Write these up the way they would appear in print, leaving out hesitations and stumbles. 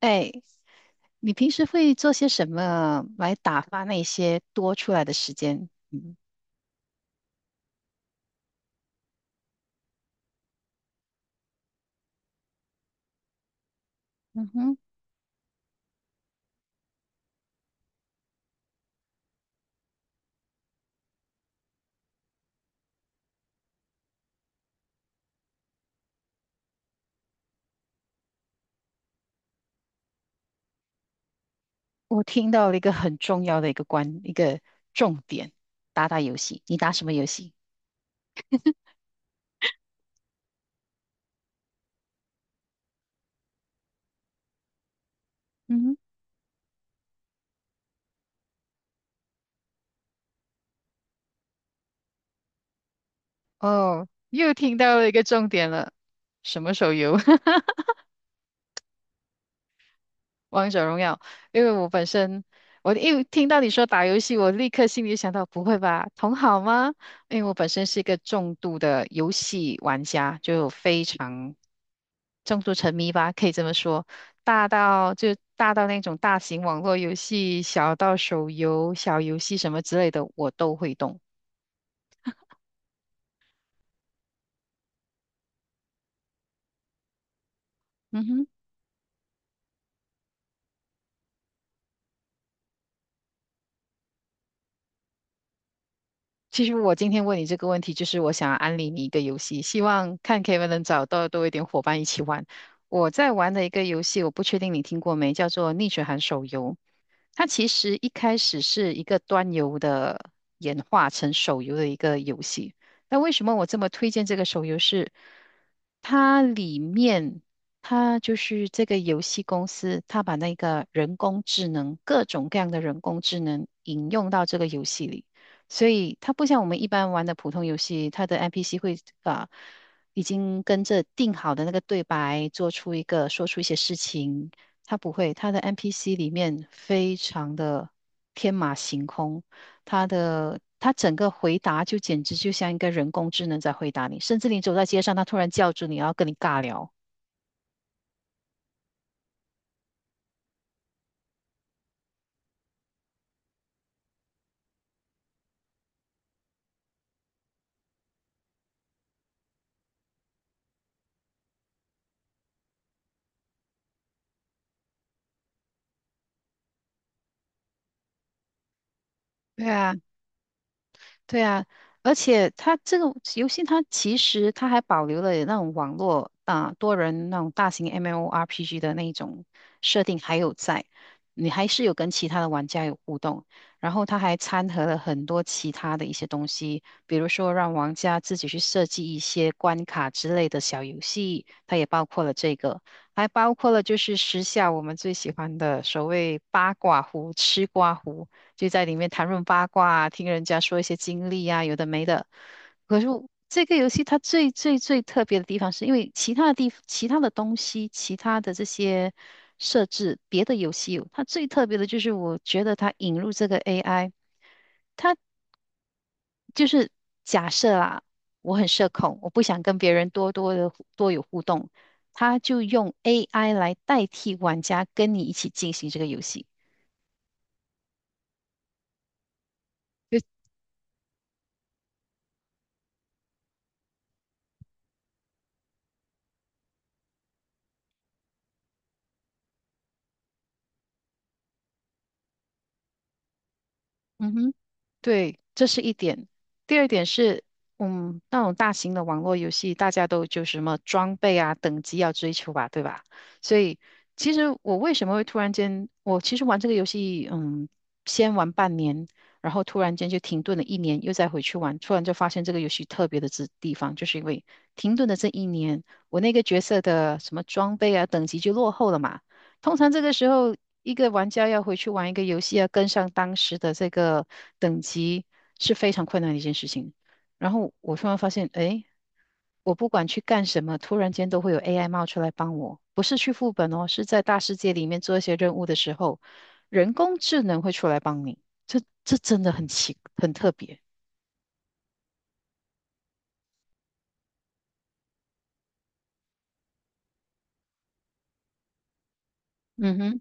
哎，你平时会做些什么来打发那些多出来的时间？嗯嗯哼，我听到了一个很重要的一个关，一个重点，打打游戏。你打什么游戏？嗯哼，哦，又听到了一个重点了，什么手游？王者荣耀。因为我本身，我一听到你说打游戏，我立刻心里想到，不会吧，同好吗？因为我本身是一个重度的游戏玩家，就非常重度沉迷吧，可以这么说，大到那种大型网络游戏，小到手游、小游戏什么之类的，我都会动。嗯哼。其实我今天问你这个问题，就是我想安利你一个游戏，希望看 KEV 能找到多一点伙伴一起玩。我在玩的一个游戏，我不确定你听过没，叫做《逆水寒手游》。它其实一开始是一个端游的演化成手游的一个游戏。那为什么我这么推荐这个手游是？它里面，它就是这个游戏公司，它把那个人工智能，各种各样的人工智能引用到这个游戏里。所以它不像我们一般玩的普通游戏，它的 NPC 啊、已经跟着定好的那个对白做出一个说出一些事情，它不会，它的 NPC 里面非常的天马行空，它整个回答就简直就像一个人工智能在回答你，甚至你走在街上，它突然叫住你，然后跟你尬聊。对啊，对啊，而且它这个游戏，它其实它还保留了那种网络啊、多人那种大型 MMORPG 的那一种设定还有在，你还是有跟其他的玩家有互动，然后它还掺和了很多其他的一些东西，比如说让玩家自己去设计一些关卡之类的小游戏，它也包括了这个，还包括了就是时下我们最喜欢的所谓八卦壶、吃瓜壶。就在里面谈论八卦啊，听人家说一些经历啊，有的没的。可是我这个游戏它最最最特别的地方，是因为其他其他的东西、其他的这些设置，别的游戏有它最特别的就是，我觉得它引入这个 AI，它就是假设啊，我很社恐，我不想跟别人多有互动，它就用 AI 来代替玩家跟你一起进行这个游戏。嗯哼。对，这是一点。第二点是，那种大型的网络游戏，大家都就什么装备啊、等级要追求吧，对吧？所以，其实我为什么会突然间，我其实玩这个游戏，先玩半年，然后突然间就停顿了一年，又再回去玩，突然就发现这个游戏特别的之地方，就是因为停顿的这一年，我那个角色的什么装备啊、等级就落后了嘛。通常这个时候，一个玩家要回去玩一个游戏，要跟上当时的这个等级是非常困难的一件事情。然后我突然发现，哎，我不管去干什么，突然间都会有 AI 冒出来帮我，不是去副本哦，是在大世界里面做一些任务的时候，人工智能会出来帮你。这真的很特别。嗯哼，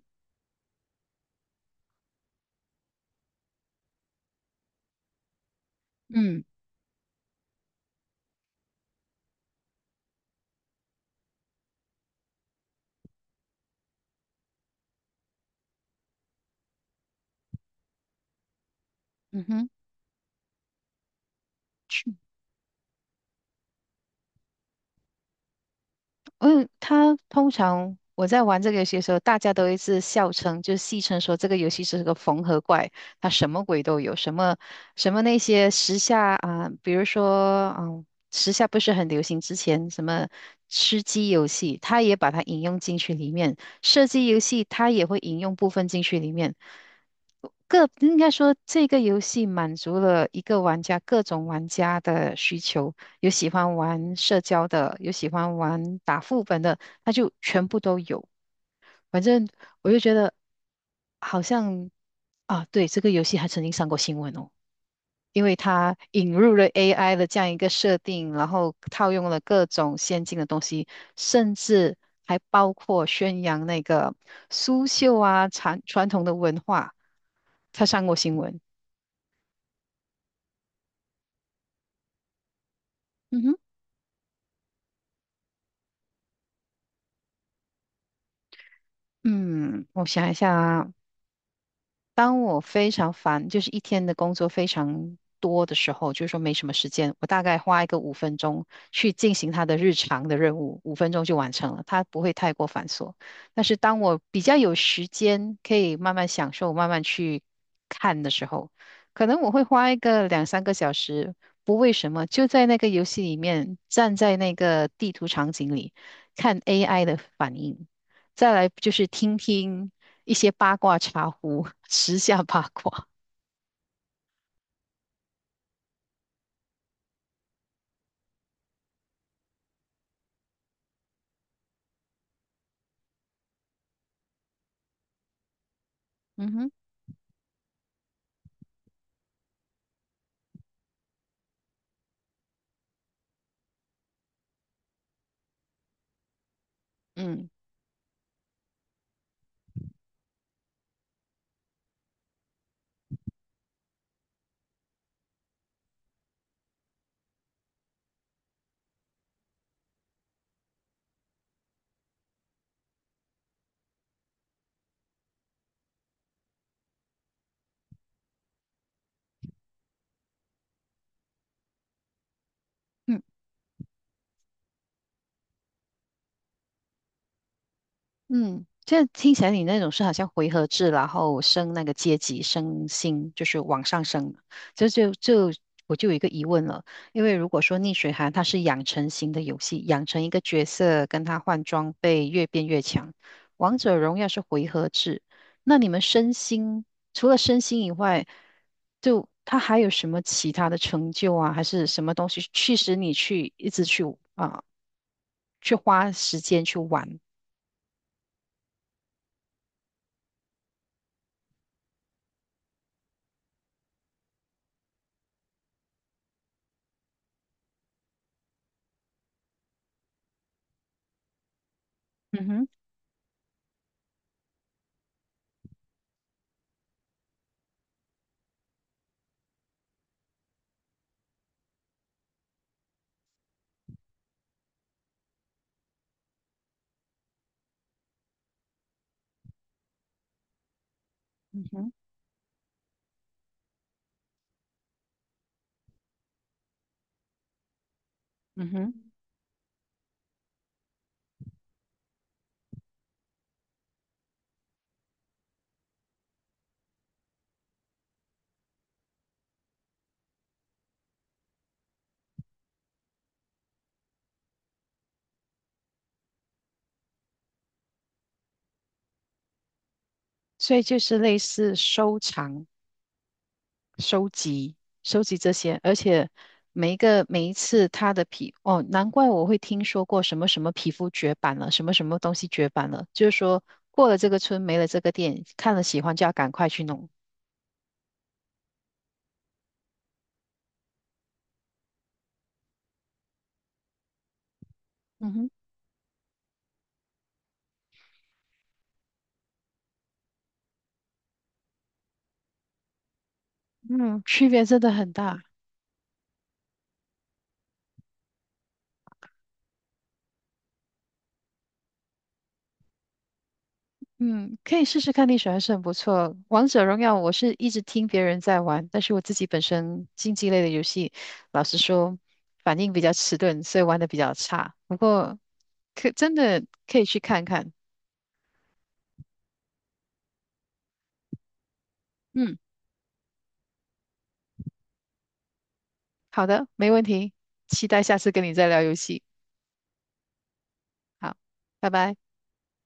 嗯嗯哼。嗯，他通常我在玩这个游戏的时候，大家都一直笑称，就戏称说这个游戏是个缝合怪，它什么鬼都有，什么那些时下啊，比如说时下不是很流行之前什么吃鸡游戏，它也把它引用进去里面，射击游戏它也会引用部分进去里面，应该说，这个游戏满足了一个玩家各种玩家的需求，有喜欢玩社交的，有喜欢玩打副本的，那就全部都有。反正我就觉得好像啊，对，这个游戏还曾经上过新闻哦。因为它引入了 AI 的这样一个设定，然后套用了各种先进的东西，甚至还包括宣扬那个苏绣啊、传统的文化，它上过新闻。嗯哼，嗯，我想一下啊，当我非常烦，就是一天的工作非常多的时候，就是说没什么时间，我大概花一个五分钟去进行他的日常的任务，五分钟就完成了，它不会太过繁琐。但是当我比较有时间，可以慢慢享受、慢慢去看的时候，可能我会花一个两三个小时，不为什么，就在那个游戏里面，站在那个地图场景里看 AI 的反应。再来就是听听一些八卦茶壶，时下八卦。嗯哼，嗯嗯。嗯，这听起来你那种是好像回合制，然后升那个阶级，升星，就是往上升。就就就我就有一个疑问了，因为如果说逆水寒它是养成型的游戏，养成一个角色跟他换装备越变越强，王者荣耀是回合制，那你们升星除了升星以外，就它还有什么其他的成就啊，还是什么东西驱使你去一直去啊、去花时间去玩？嗯哼。嗯哼嗯哼，所以就是类似收藏、收集、收集这些，而且每一次他的哦，难怪我会听说过什么什么皮肤绝版了，什么什么东西绝版了，就是说过了这个村没了这个店，看了喜欢就要赶快去弄。嗯哼，嗯，区别真的很大。嗯，可以试试看，历史还是很不错。王者荣耀我是一直听别人在玩，但是我自己本身竞技类的游戏，老实说反应比较迟钝，所以玩的比较差。不过可真的可以去看看。嗯，好的，没问题，期待下次跟你再聊游戏。好，拜拜。